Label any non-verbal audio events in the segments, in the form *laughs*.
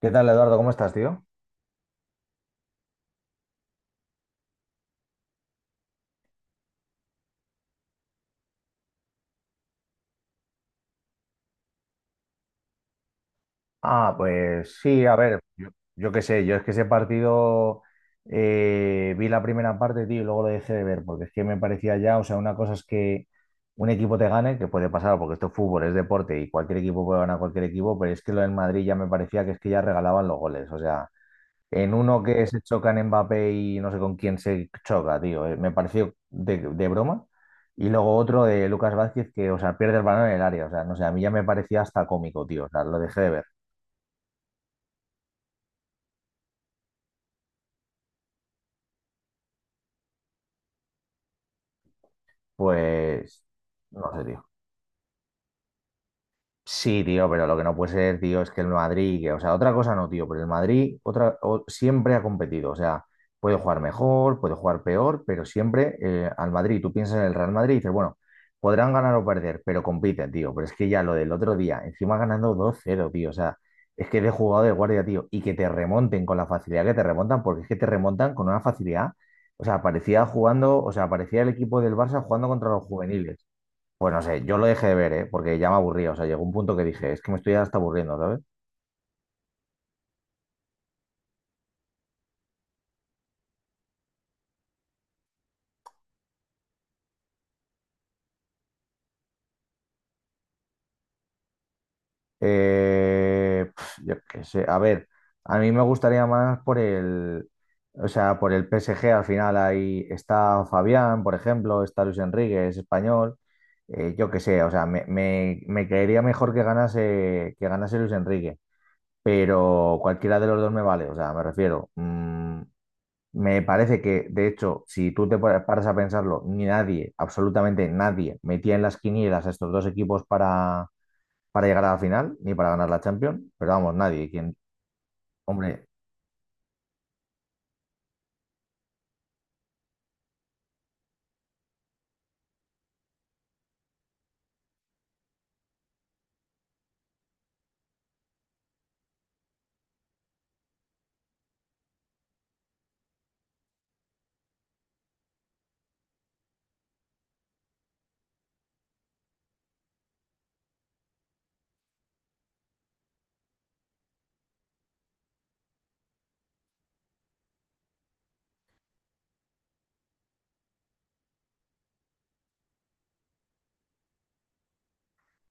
¿Qué tal, Eduardo? ¿Cómo estás, tío? Ah, pues sí, a ver, yo qué sé, yo es que ese partido, vi la primera parte, tío, y luego lo dejé de ver, porque es que me parecía ya, o sea, una cosa es que un equipo te gane, que puede pasar, porque esto es fútbol, es deporte, y cualquier equipo puede ganar a cualquier equipo, pero es que lo del Madrid ya me parecía que es que ya regalaban los goles, o sea, en uno que se chocan Mbappé y no sé con quién se choca, tío. Me pareció de broma. Y luego otro de Lucas Vázquez que, o sea, pierde el balón en el área. O sea, no sé, a mí ya me parecía hasta cómico, tío. O sea, lo dejé de ver. Pues, no sé, tío. Sí, tío, pero lo que no puede ser, tío, es que el Madrid, que- o sea, otra cosa no, tío, pero el Madrid otra, o- siempre ha competido, o sea, puede jugar mejor, puede jugar peor, pero siempre, al Madrid, tú piensas en el Real Madrid y dices, bueno, podrán ganar o perder, pero compiten, tío, pero es que ya lo del otro día, encima ganando 2-0, tío, o sea, es que de jugado de guardia, tío, y que te remonten con la facilidad que te remontan, porque es que te remontan con una facilidad, o sea, parecía jugando, o sea, parecía el equipo del Barça jugando contra los juveniles. Pues no sé, yo lo dejé de ver, ¿eh? Porque ya me aburría. O sea, llegó un punto que dije, es que me estoy hasta aburriendo, ¿sabes? Pf, yo qué sé. A ver, a mí me gustaría más por el, o sea, por el PSG. Al final ahí está Fabián, por ejemplo, está Luis Enrique, es español. Yo qué sé, o sea, me caería mejor que ganase Luis Enrique. Pero cualquiera de los dos me vale. O sea, me refiero. Me parece que, de hecho, si tú te paras a pensarlo, ni nadie, absolutamente nadie, metía en las quinielas a estos dos equipos para llegar a la final, ni para ganar la Champions, pero vamos, nadie. Quien, hombre,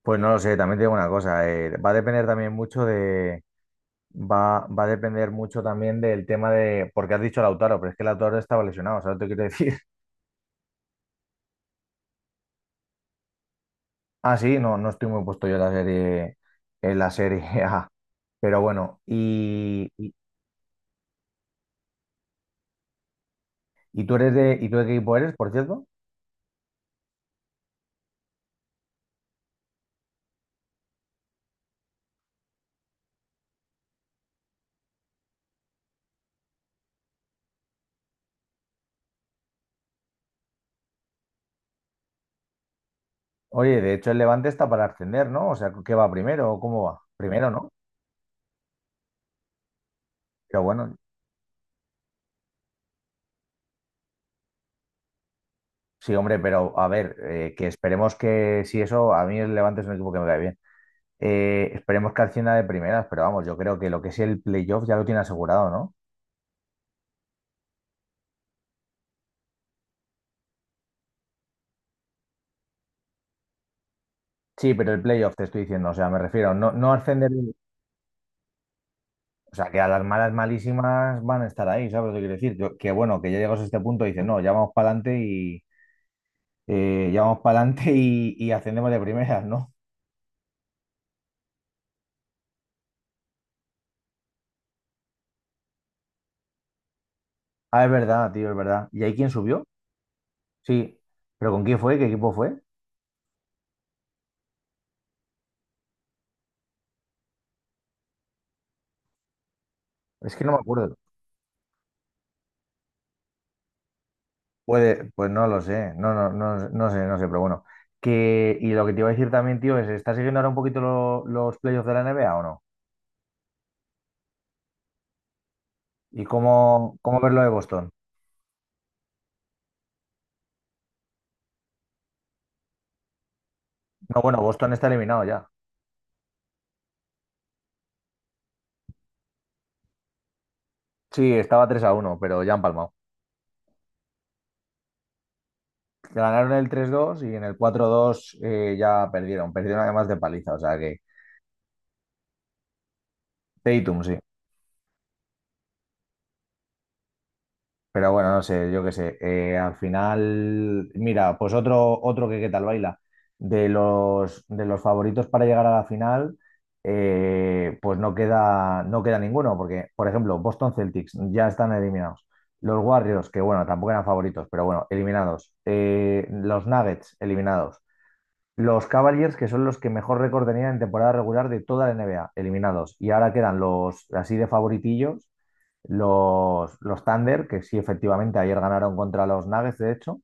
pues no lo sé, también te digo una cosa, va a depender también mucho de, va a depender mucho también del tema de, porque has dicho Lautaro, pero es que Lautaro estaba lesionado, ¿sabes lo que te quiero decir? *laughs* Ah, sí, no, no estoy muy puesto yo en la serie A, pero bueno, y tú eres de, ¿y tú de qué equipo eres, por cierto? Oye, de hecho el Levante está para ascender, ¿no? O sea, ¿qué va primero o cómo va? Primero, ¿no? Pero bueno, sí, hombre, pero a ver, que esperemos que si eso, a mí el Levante es un equipo que me cae bien. Esperemos que ascienda de primeras, pero vamos, yo creo que lo que es el playoff ya lo tiene asegurado, ¿no? Sí, pero el playoff te estoy diciendo, o sea, me refiero, no, no ascender, o sea, que a las malas malísimas van a estar ahí, ¿sabes lo que quiero decir? Yo- que bueno, que ya llegas a este punto y dices, no, ya vamos para adelante y ya vamos para adelante *laughs* y ascendemos de primeras, ¿no? Ah, es verdad, tío, es verdad. ¿Y ahí quién subió? Sí, pero ¿con quién fue? ¿Qué equipo fue? Es que no me acuerdo. Puede, pues no lo sé, no, no, no, no sé, no sé, pero bueno. Que, y lo que te iba a decir también, tío, es, ¿estás siguiendo ahora un poquito lo- los playoffs de la NBA o no? ¿Y cómo, cómo ves lo de Boston? No, bueno, Boston está eliminado ya. Sí, estaba 3 a 1, pero ya han palmado. Ganaron el 3-2 y en el cuatro dos, ya perdieron. Perdieron además de paliza, o sea que... Tatum, sí. Pero bueno, no sé, yo qué sé. Al final, mira, pues otro, otro que qué tal baila. De los favoritos para llegar a la final, pues no queda, no queda ninguno, porque, por ejemplo, Boston Celtics ya están eliminados. Los Warriors, que bueno, tampoco eran favoritos, pero bueno, eliminados. Los Nuggets, eliminados. Los Cavaliers, que son los que mejor récord tenían en temporada regular de toda la NBA, eliminados. Y ahora quedan los así de favoritillos los Thunder, que sí, efectivamente, ayer ganaron contra los Nuggets, de hecho,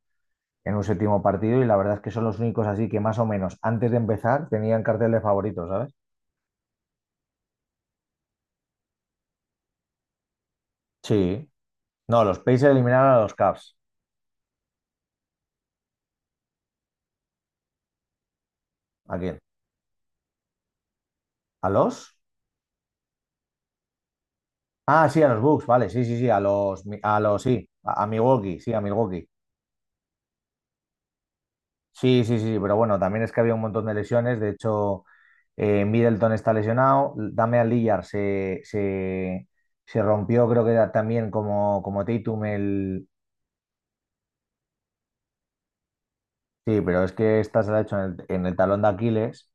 en un séptimo partido, y la verdad es que son los únicos así que más o menos antes de empezar tenían cartel de favoritos, ¿sabes? Sí. No, los Pacers eliminaron a los Cavs. ¿A quién? ¿A los? Ah, sí, a los Bucks, vale, sí, sí, sí, a los, sí, a Milwaukee. Sí, sí, sí, pero bueno, también es que había un montón de lesiones. De hecho, Middleton está lesionado, Damian Lillard se rompió, creo que era también como, como Tatum el... Sí, pero es que esta se la ha hecho en el talón de Aquiles.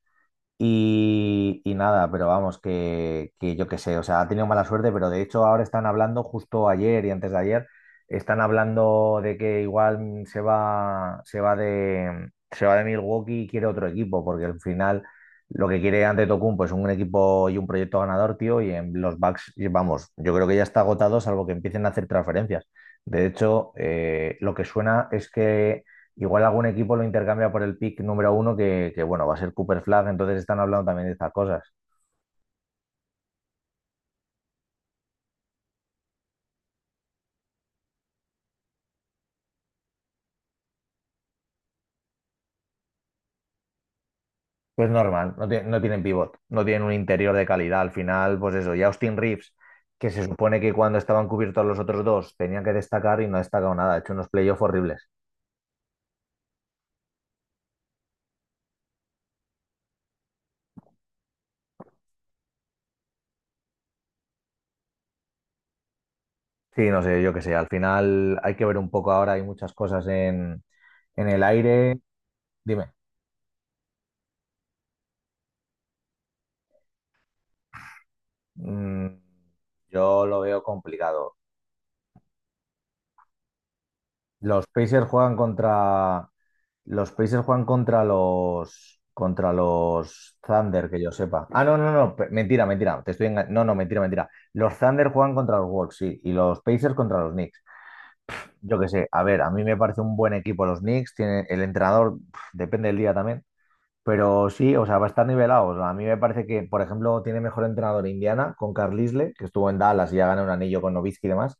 Y nada, pero vamos, que yo qué sé, o sea, ha tenido mala suerte, pero de hecho ahora están hablando, justo ayer y antes de ayer, están hablando de que igual se va de Milwaukee y quiere otro equipo, porque al final lo que quiere Antetokounmpo es un equipo y un proyecto ganador, tío, y en los Bucks, y vamos, yo creo que ya está agotado, salvo que empiecen a hacer transferencias. De hecho, lo que suena es que igual algún equipo lo intercambia por el pick número 1, que, bueno, va a ser Cooper Flag, entonces están hablando también de estas cosas. Pues normal, no, tie- no tienen pivot, no tienen un interior de calidad. Al final, pues eso, y Austin Reeves, que se supone que cuando estaban cubiertos los otros dos tenían que destacar y no ha destacado nada, ha hecho unos playoffs horribles. Sí, no sé, yo qué sé, al final hay que ver un poco ahora, hay muchas cosas en el aire. Dime, mm, yo lo veo complicado. Los Pacers juegan contra. Los Pacers juegan contra los. Contra los Thunder, que yo sepa. Ah, no, no, no. pe- Mentira, mentira. Te estoy enga- No, no, mentira, mentira. Los Thunder juegan contra los Wolves, sí. Y los Pacers contra los Knicks. Yo qué sé. A ver, a mí me parece un buen equipo los Knicks. Tiene el entrenador, pf, depende del día también. Pero sí, o sea, va a estar nivelado. A mí me parece que, por ejemplo, tiene mejor entrenador Indiana con Carlisle, que estuvo en Dallas y ya ganó un anillo con Nowitzki y demás,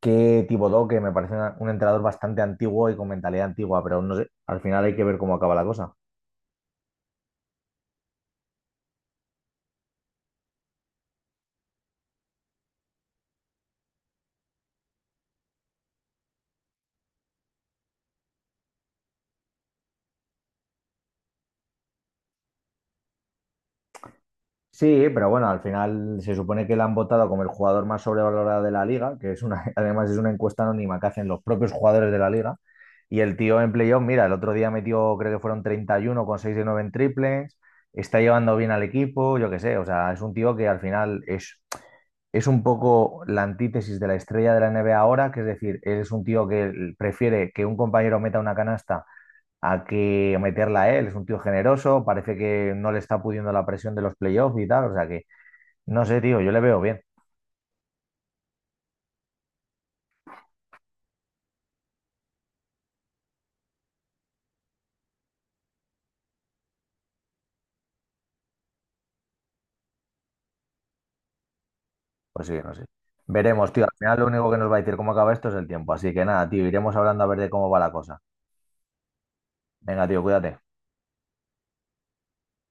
que Thibodeau, que me parece una- un entrenador bastante antiguo y con mentalidad antigua, pero no sé, al final hay que ver cómo acaba la cosa. Sí, pero bueno, al final se supone que le han votado como el jugador más sobrevalorado de la liga, que es una, *laughs* además es una encuesta anónima que hacen los propios jugadores de la liga. Y el tío en playoff, mira, el otro día metió, creo que fueron 31 con 6 de 9 en triples, está llevando bien al equipo, yo qué sé, o sea, es un tío que al final es un poco la antítesis de la estrella de la NBA ahora, que es decir, es un tío que prefiere que un compañero meta una canasta hay que meterla a él, es un tío generoso, parece que no le está pudiendo la presión de los playoffs y tal, o sea que no sé, tío, yo le veo bien, pues sí, no sé. Veremos, tío, al final lo único que nos va a decir cómo acaba esto es el tiempo, así que nada, tío, iremos hablando a ver de cómo va la cosa. Venga, tío, cuídate.